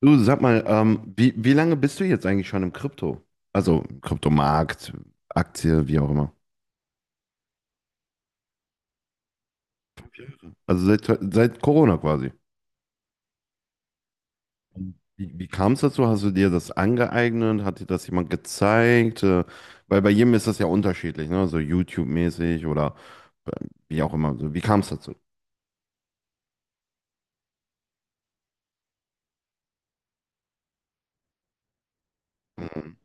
Du, sag mal, wie lange bist du jetzt eigentlich schon im Krypto? Also im Kryptomarkt, Aktie, wie auch immer. Also seit Corona quasi. Wie kam es dazu? Hast du dir das angeeignet? Hat dir das jemand gezeigt? Weil bei jedem ist das ja unterschiedlich, ne? So YouTube-mäßig oder äh, wie auch immer. So, wie kam es dazu? Mhm.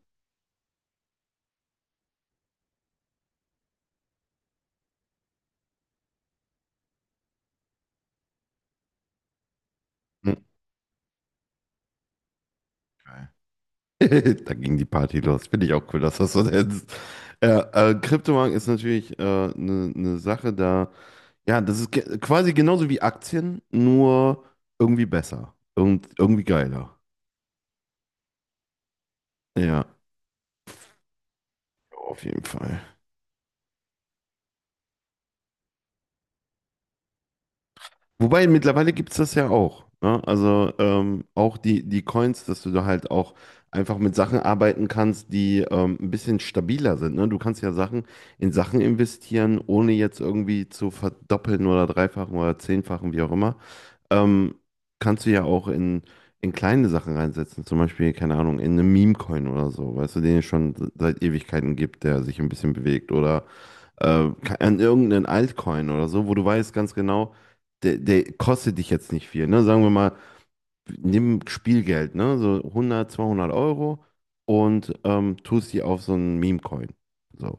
Mhm. Da ging die Party los. Finde ich auch cool, dass das so ist. Äh, Kryptomarkt ist natürlich eine Sache da. Ja, das ist quasi genauso wie Aktien, nur irgendwie besser. Irgendwie geiler. Ja, auf jeden Fall. Wobei mittlerweile gibt es das ja auch. Ne? Also auch die Coins, dass du da halt auch einfach mit Sachen arbeiten kannst, die ein bisschen stabiler sind. Ne? Du kannst ja Sachen in Sachen investieren, ohne jetzt irgendwie zu verdoppeln oder dreifachen oder zehnfachen, wie auch immer. ähm, Kannst du ja auch in kleine Sachen reinsetzen. Zum Beispiel, keine Ahnung, in einen Meme-Coin oder so, weißt du, den es schon seit Ewigkeiten gibt, der sich ein bisschen bewegt. Oder an irgendeinen Altcoin oder so, wo du weißt ganz genau, der kostet dich jetzt nicht viel. Ne? Sagen wir mal, nimm Spielgeld, ne? So hundert zweihundert Euro und tust die auf so einen Meme-Coin. So.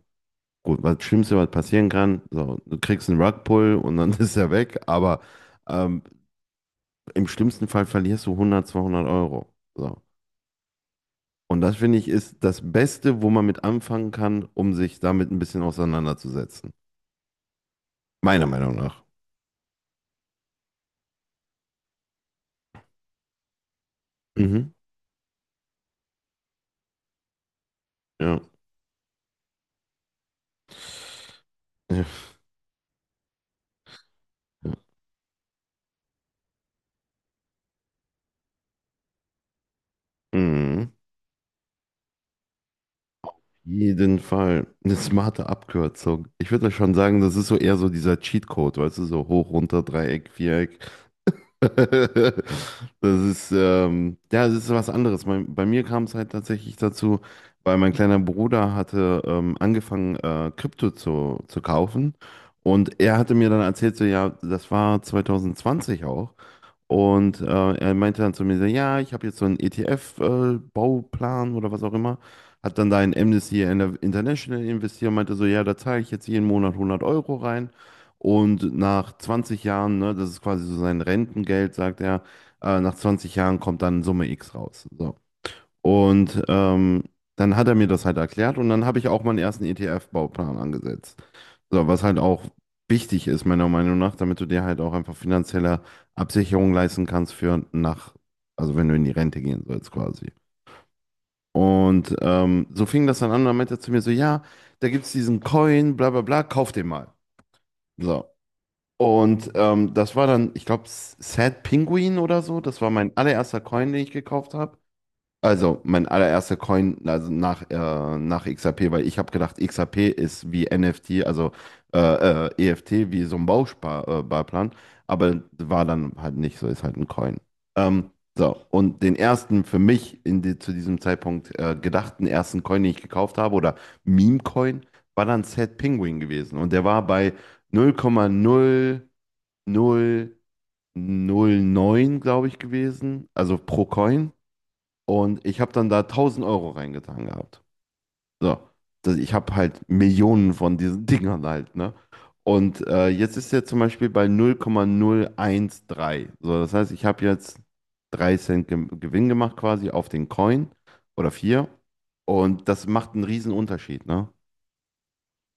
Gut, was Schlimmste, was passieren kann, so, du kriegst einen Rugpull und dann ist er weg, aber. Ähm, Im schlimmsten Fall verlierst du 100, 200 Euro. So. Und das finde ich ist das Beste, wo man mit anfangen kann, um sich damit ein bisschen auseinanderzusetzen. Meiner Meinung nach. Mhm. Ja. Ja. Mhm. Jeden Fall. Eine smarte Abkürzung. Ich würde schon sagen, das ist so eher so dieser Cheatcode, weißt du, so hoch, runter, Dreieck, Viereck. Ja, das ist was anderes. Bei mir kam es halt tatsächlich dazu, weil mein kleiner Bruder hatte angefangen, Krypto zu kaufen. Und er hatte mir dann erzählt, so, ja, das war 2020 auch. Und er meinte dann zu mir, so, ja, ich habe jetzt so einen ETF-Bauplan oder was auch immer. Hat dann da in Amnesty International investiert und meinte so, ja, da zahle ich jetzt jeden Monat 100 Euro rein. Und nach 20 Jahren, ne, das ist quasi so sein Rentengeld, sagt er, nach 20 Jahren kommt dann Summe X raus. So. Und dann hat er mir das halt erklärt und dann habe ich auch meinen ersten ETF-Bauplan angesetzt. So, was halt auch wichtig ist, meiner Meinung nach, damit du dir halt auch einfach finanzielle Absicherung leisten kannst für nach, also wenn du in die Rente gehen sollst quasi. Und so fing das dann an, dann meinte er zu mir so, ja, da gibt es diesen Coin, bla bla bla, kauf den mal. So. Und das war dann, ich glaube, Sad Penguin oder so, das war mein allererster Coin, den ich gekauft habe. Also, mein allererster Coin, also nach XRP, weil ich habe gedacht, XRP ist wie NFT, also äh, EFT, wie so ein Bausparplan, Barplan. Aber war dann halt nicht so, ist halt ein Coin. Ähm, so, und den ersten für mich in die, zu diesem Zeitpunkt gedachten ersten Coin, den ich gekauft habe, oder Meme-Coin, war dann Sad Penguin gewesen. Und der war bei null Komma null null null Komma neun glaube ich, gewesen, also pro Coin. Und ich habe dann da 1.000 Euro reingetan gehabt. So. Das, ich habe halt Millionen von diesen Dingern halt, ne? Und jetzt ist er zum Beispiel bei null null Komma null eins drei. So, das heißt, ich habe jetzt 3 Cent Ge Gewinn gemacht quasi auf den Coin oder vier. Und das macht einen riesen Unterschied, ne?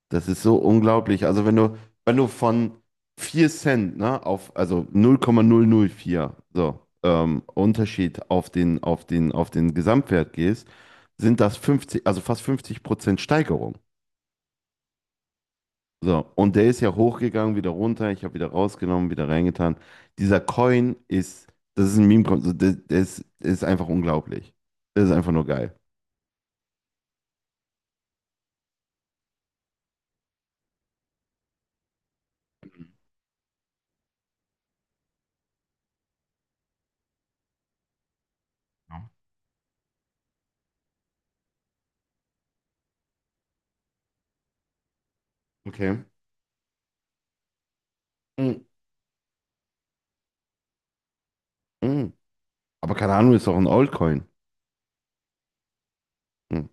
Das ist so unglaublich. Also wenn du von 4 Cent, ne, auf, also null Komma null null Komma vier so, Unterschied auf den Gesamtwert gehst, sind das 50 also fast 50% Steigerung. So, und der ist ja hochgegangen, wieder runter, ich habe wieder rausgenommen, wieder reingetan. Dieser Coin ist, das ist ein Meme-Coin, so, der ist einfach unglaublich. Das ist einfach nur geil. Ja. Okay. Mm, mm. Aber Cardano ist auch ein Altcoin. Hm.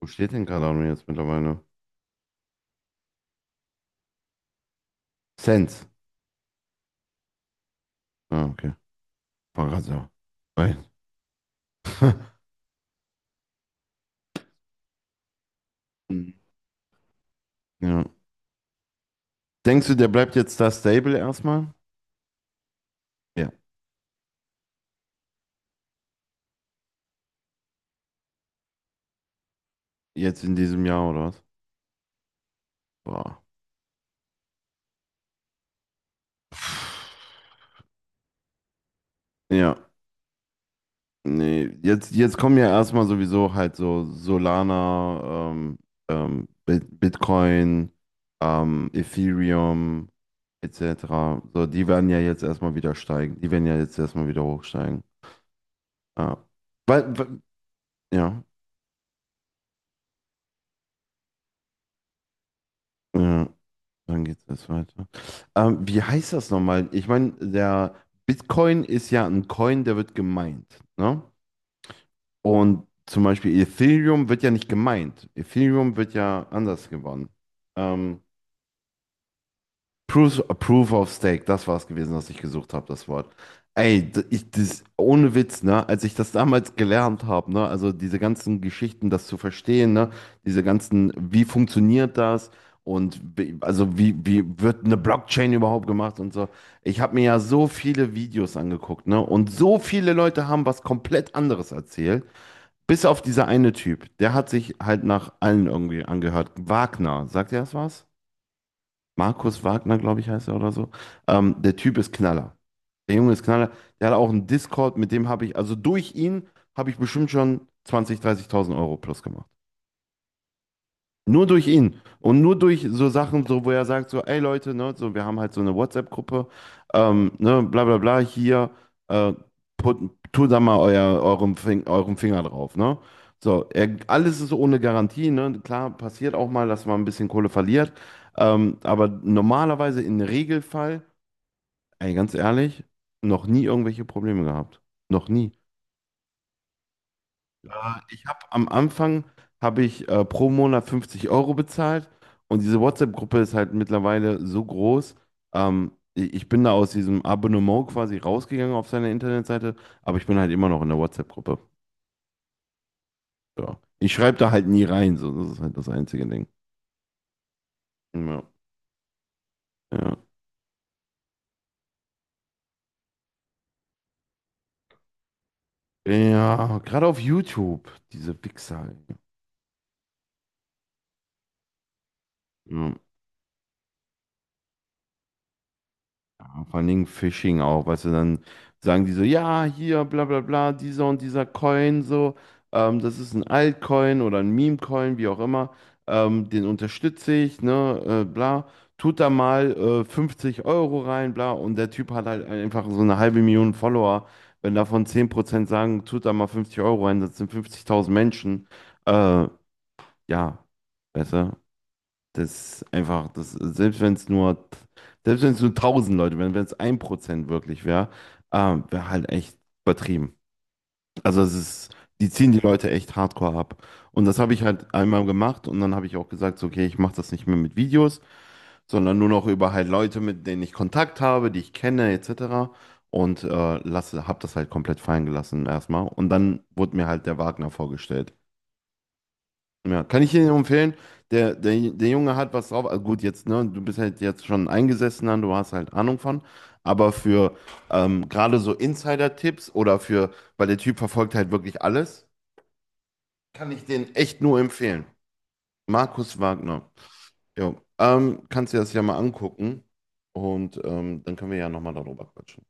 Wo steht denn Cardano jetzt mittlerweile? Cents. Ah, okay. War grad so. Weil- Mhm. Ja. Denkst du, der bleibt jetzt da stable erstmal? Ja. Jetzt in diesem Jahr oder was? Boah. Ja. Nee. Jetzt kommen ja erstmal sowieso halt so Solana, Bitcoin, Ethereum, etc. So, die werden ja jetzt erstmal wieder steigen. Die werden ja jetzt erstmal wieder hochsteigen. Ja. Weil, weil, ja. Ja. Dann geht es weiter. Wie heißt das nochmal? Ich meine, der Bitcoin ist ja ein Coin, der wird gemeint, ne? Und zum Beispiel Ethereum wird ja nicht gemeint. Ethereum wird ja anders gewonnen. Ähm, Proof of Stake, das war es gewesen, was ich gesucht habe, das Wort. Ey, ich, das, ohne Witz, ne, als ich das damals gelernt habe, ne, also diese ganzen Geschichten, das zu verstehen, ne, diese ganzen, wie funktioniert das und wie, also wie wird eine Blockchain überhaupt gemacht und so. Ich habe mir ja so viele Videos angeguckt, ne, und so viele Leute haben was komplett anderes erzählt, bis auf dieser eine Typ, der hat sich halt nach allen irgendwie angehört. Wagner, sagt ihr das was? Markus Wagner, glaube ich, heißt er oder so. Der Typ ist Knaller. Der Junge ist Knaller. Der hat auch einen Discord, mit dem habe ich, also durch ihn habe ich bestimmt schon 20.000, 30.000 Euro plus gemacht. Nur durch ihn und nur durch so Sachen, so wo er sagt, so, ey Leute, ne, so, wir haben halt so eine WhatsApp-Gruppe, ne, bla bla bla, hier, äh, tut da mal eurem Finger drauf, ne? So, er, alles ist ohne Garantie, ne? Klar, passiert auch mal, dass man ein bisschen Kohle verliert, aber normalerweise im Regelfall, ey, ganz ehrlich, noch nie irgendwelche Probleme gehabt. Noch nie. Ich habe am Anfang habe ich pro Monat 50 Euro bezahlt und diese WhatsApp-Gruppe ist halt mittlerweile so groß. Ich bin da aus diesem Abonnement quasi rausgegangen auf seiner Internetseite, aber ich bin halt immer noch in der WhatsApp-Gruppe. Ja. Ich schreibe da halt nie rein, so das ist halt das einzige Ding. Ja, ja. Ja, gerade auf YouTube, diese Wichser, ey. Ja. Ja, vor allen Dingen Phishing auch, weißt du, dann sagen die so, ja, hier, bla bla bla, dieser und dieser Coin, so, das ist ein Altcoin oder ein Meme-Coin, wie auch immer, den unterstütze ich, ne, bla, tut da mal 50 Euro rein, bla, und der Typ hat halt einfach so eine halbe Million Follower. Wenn davon 10% sagen, tut da mal 50 Euro rein, das sind 50.000 Menschen, äh, ja, weißt du, das ist einfach, das, selbst wenn es nur, selbst wenn es nur 1.000 Leute wären, wenn es 1% wirklich wäre, wäre halt echt übertrieben. Also es ist, die ziehen die Leute echt hardcore ab. Und das habe ich halt einmal gemacht und dann habe ich auch gesagt, so, okay, ich mache das nicht mehr mit Videos, sondern nur noch über halt Leute, mit denen ich Kontakt habe, die ich kenne, etc. Und habe das halt komplett fallen gelassen erstmal. Und dann wurde mir halt der Wagner vorgestellt. Ja, kann ich Ihnen empfehlen. Der Junge hat was drauf. Also gut, jetzt, ne, du bist halt jetzt schon eingesessen, dann, du hast halt Ahnung von. Aber für gerade so Insider-Tipps oder für, weil der Typ verfolgt halt wirklich alles, kann ich den echt nur empfehlen. Markus Wagner. Jo. Kannst du dir das ja mal angucken und dann können wir ja nochmal darüber quatschen.